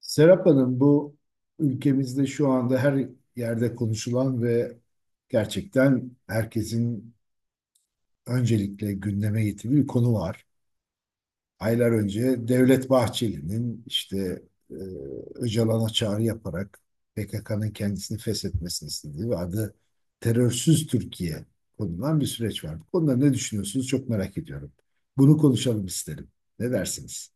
Serap Hanım, bu ülkemizde şu anda her yerde konuşulan ve gerçekten herkesin öncelikle gündeme getirdiği bir konu var. Aylar önce Devlet Bahçeli'nin işte e, Öcalan'a çağrı yaparak PKK'nın kendisini feshetmesini istediği ve adı Terörsüz Türkiye konulan bir süreç var. Bu konuda ne düşünüyorsunuz çok merak ediyorum. Bunu konuşalım isterim. Ne dersiniz?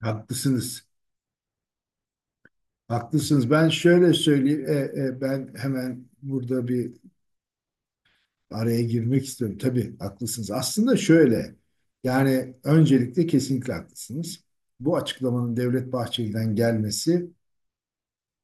Haklısınız. Haklısınız. Ben şöyle söyleyeyim. Ben hemen burada bir araya girmek istiyorum. Tabii haklısınız. Aslında şöyle. Yani öncelikle kesinlikle haklısınız. Bu açıklamanın Devlet Bahçeli'den gelmesi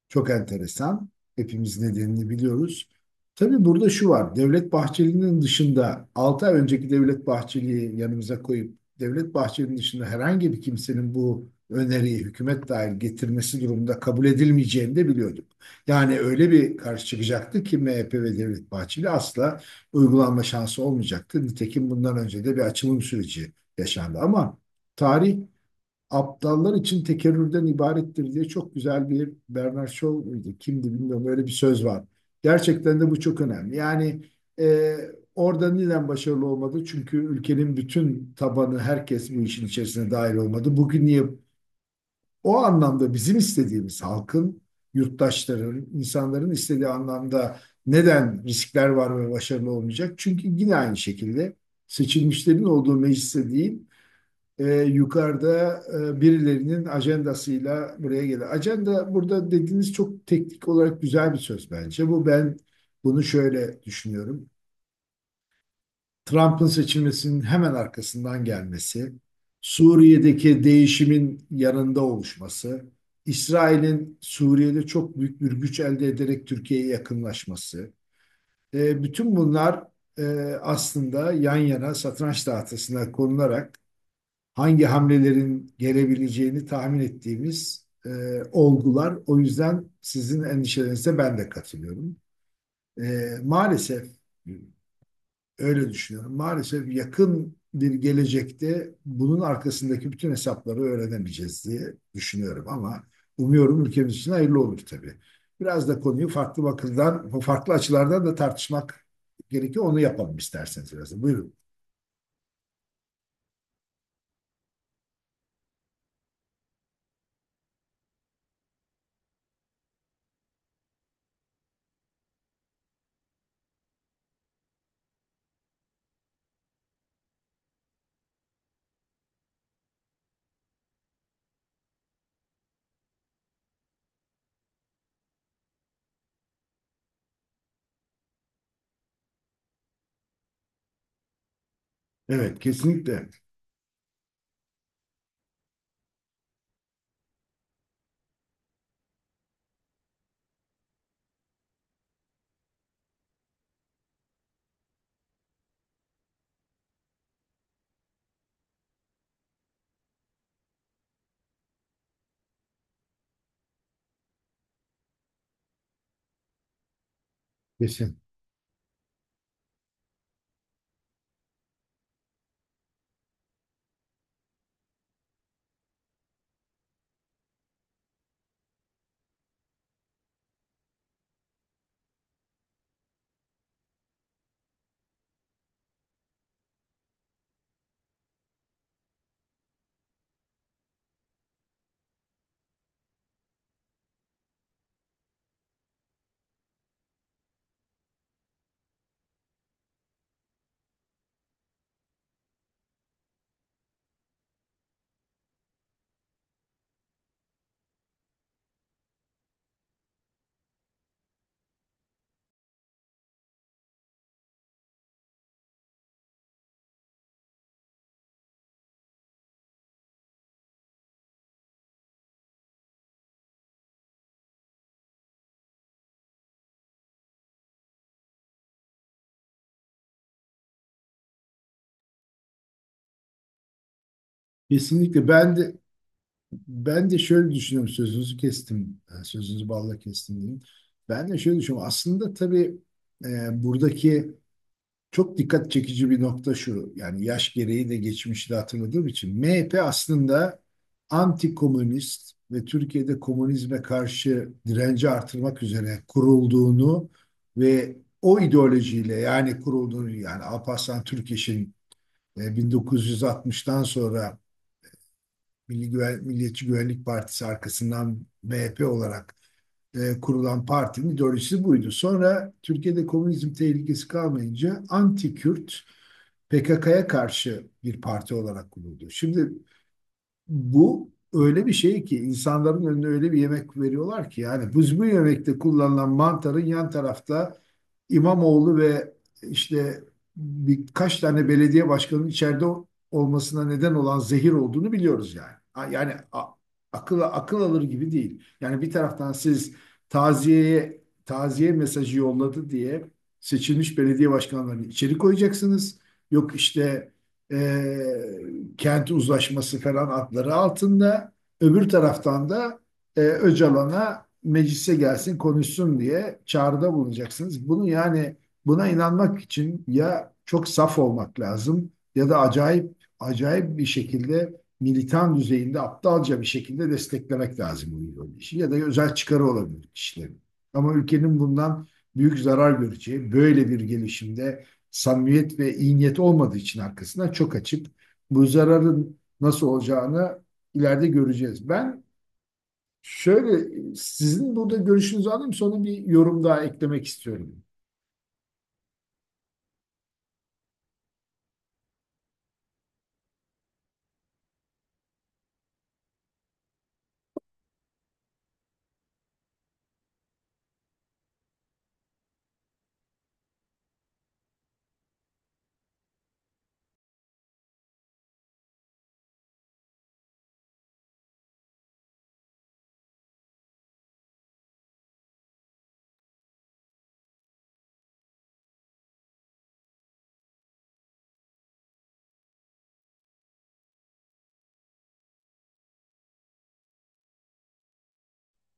çok enteresan. Hepimiz nedenini biliyoruz. Tabii burada şu var. Devlet Bahçeli'nin dışında 6 ay önceki Devlet Bahçeli'yi yanımıza koyup Devlet Bahçeli'nin dışında herhangi bir kimsenin bu öneriyi hükümet dahil getirmesi durumunda kabul edilmeyeceğini de biliyorduk. Yani öyle bir karşı çıkacaktı ki MHP ve Devlet Bahçeli asla uygulanma şansı olmayacaktı. Nitekim bundan önce de bir açılım süreci yaşandı ama tarih aptallar için tekerrürden ibarettir diye çok güzel bir Bernard Shaw muydu? Kimdi bilmiyorum öyle bir söz var. Gerçekten de bu çok önemli. E, Orada neden başarılı olmadı? Çünkü ülkenin bütün tabanı herkes bu işin içerisine dahil olmadı. Bugün niye o anlamda bizim istediğimiz halkın, yurttaşların, insanların istediği anlamda neden riskler var ve başarılı olmayacak? Çünkü yine aynı şekilde seçilmişlerin olduğu mecliste değil, yukarıda birilerinin ajandasıyla buraya gelir. Ajanda burada dediğiniz çok teknik olarak güzel bir söz bence. Bu ben bunu şöyle düşünüyorum. Trump'ın seçilmesinin hemen arkasından gelmesi, Suriye'deki değişimin yanında oluşması, İsrail'in Suriye'de çok büyük bir güç elde ederek Türkiye'ye yakınlaşması, bütün bunlar e, aslında yan yana satranç tahtasına konularak hangi hamlelerin gelebileceğini tahmin ettiğimiz olgular. O yüzden sizin endişelerinize ben de katılıyorum. Maalesef öyle düşünüyorum. Maalesef yakın bir gelecekte bunun arkasındaki bütün hesapları öğrenemeyeceğiz diye düşünüyorum ama umuyorum ülkemiz için hayırlı olur tabii. Biraz da konuyu farklı bakımdan, farklı açılardan da tartışmak gerekiyor. Onu yapalım isterseniz biraz. Da. Buyurun. Evet, kesinlikle. Kesin. Kesinlikle ben de ben de şöyle düşünüyorum sözünüzü kestim. Yani sözünüzü balla kestim diyeyim. Ben de şöyle düşünüyorum. Aslında tabii e, buradaki çok dikkat çekici bir nokta şu. Yani yaş gereği de geçmişi de hatırladığım için. MHP aslında anti-komünist ve Türkiye'de komünizme karşı direnci artırmak üzere kurulduğunu ve o ideolojiyle yani kurulduğunu yani Alparslan Türkeş'in 1960'tan sonra Milli Güven, Milliyetçi Güvenlik Partisi arkasından MHP olarak kurulan partinin ideolojisi buydu. Sonra Türkiye'de komünizm tehlikesi kalmayınca anti-Kürt PKK'ya karşı bir parti olarak kuruldu. Şimdi bu öyle bir şey ki insanların önüne öyle bir yemek veriyorlar ki yani biz bu yemekte kullanılan mantarın yan tarafta İmamoğlu ve işte birkaç tane belediye başkanının içeride olmasına neden olan zehir olduğunu biliyoruz yani. Yani a- Akıl akıl alır gibi değil. Yani bir taraftan siz taziyeye taziye mesajı yolladı diye seçilmiş belediye başkanlarını içeri koyacaksınız. Yok işte e, kenti uzlaşması falan adları altında. Öbür taraftan da Öcalan'a meclise gelsin konuşsun diye çağrıda bulunacaksınız. Bunu yani buna inanmak için ya çok saf olmak lazım ya da acayip acayip bir şekilde militan düzeyinde aptalca bir şekilde desteklemek lazım bu ideolojiyi ya da özel çıkarı olabilir kişilerin. Ama ülkenin bundan büyük zarar göreceği böyle bir gelişimde samimiyet ve iyi niyet olmadığı için arkasından çok açık bu zararın nasıl olacağını ileride göreceğiz. Ben şöyle sizin burada görüşünüzü alayım sonra bir yorum daha eklemek istiyorum.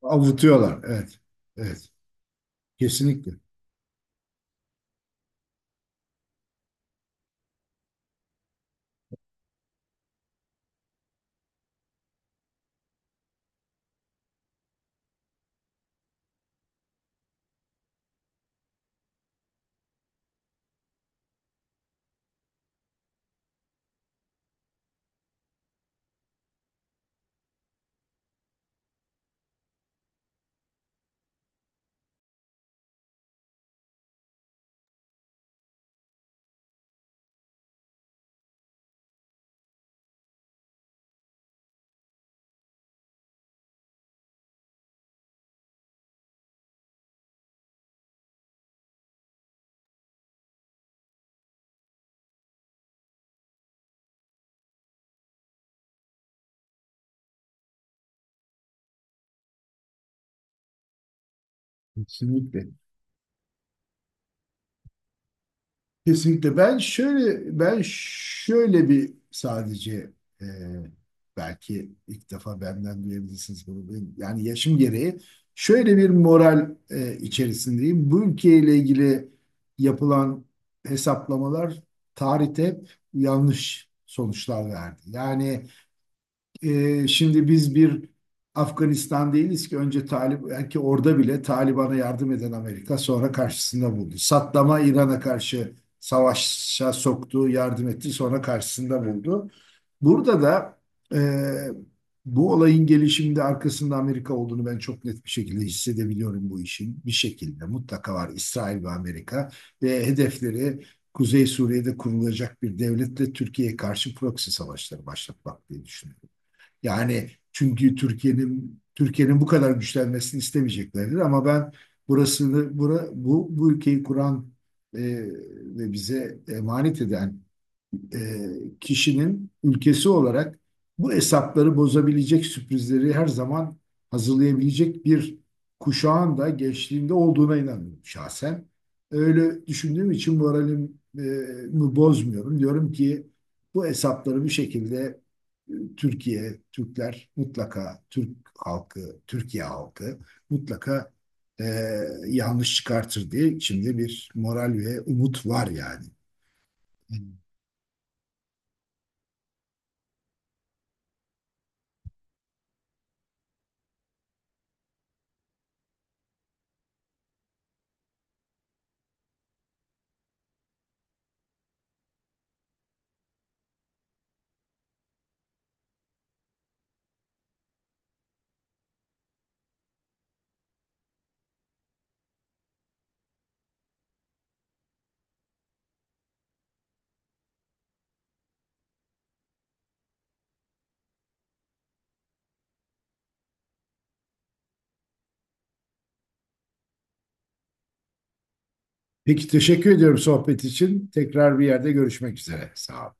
Avutuyorlar. Evet. Evet. Kesinlikle. Kesinlikle. Kesinlikle. Ben şöyle ben şöyle bir sadece e, belki ilk defa benden duyabilirsiniz bunu. Yani yaşım gereği şöyle bir moral içerisindeyim. Bu ülkeyle ilgili yapılan hesaplamalar tarihte hep yanlış sonuçlar verdi. Şimdi biz bir Afganistan değiliz ki önce Talib belki orada bile Taliban'a yardım eden Amerika sonra karşısında buldu. Saddam'a İran'a karşı savaşa soktu, yardım etti, sonra karşısında buldu. Burada da e, bu olayın gelişiminde arkasında Amerika olduğunu ben çok net bir şekilde hissedebiliyorum bu işin. Bir şekilde mutlaka var İsrail ve Amerika ve hedefleri Kuzey Suriye'de kurulacak bir devletle Türkiye'ye karşı proxy savaşları başlatmak diye düşünüyorum. Yani çünkü Türkiye'nin bu kadar güçlenmesini istemeyeceklerdir ama ben bu ülkeyi kuran e, ve bize emanet eden e, kişinin ülkesi olarak bu hesapları bozabilecek sürprizleri her zaman hazırlayabilecek bir kuşağın da gençliğinde olduğuna inanıyorum şahsen. Öyle düşündüğüm için moralimi bozmuyorum. Diyorum ki bu hesapları bir şekilde Türkiye, Türkler mutlaka, Türk halkı, Türkiye halkı mutlaka e, yanlış çıkartır diye içimde bir moral ve umut var yani. Peki teşekkür ediyorum sohbet için. Tekrar bir yerde görüşmek üzere. Sağ ol.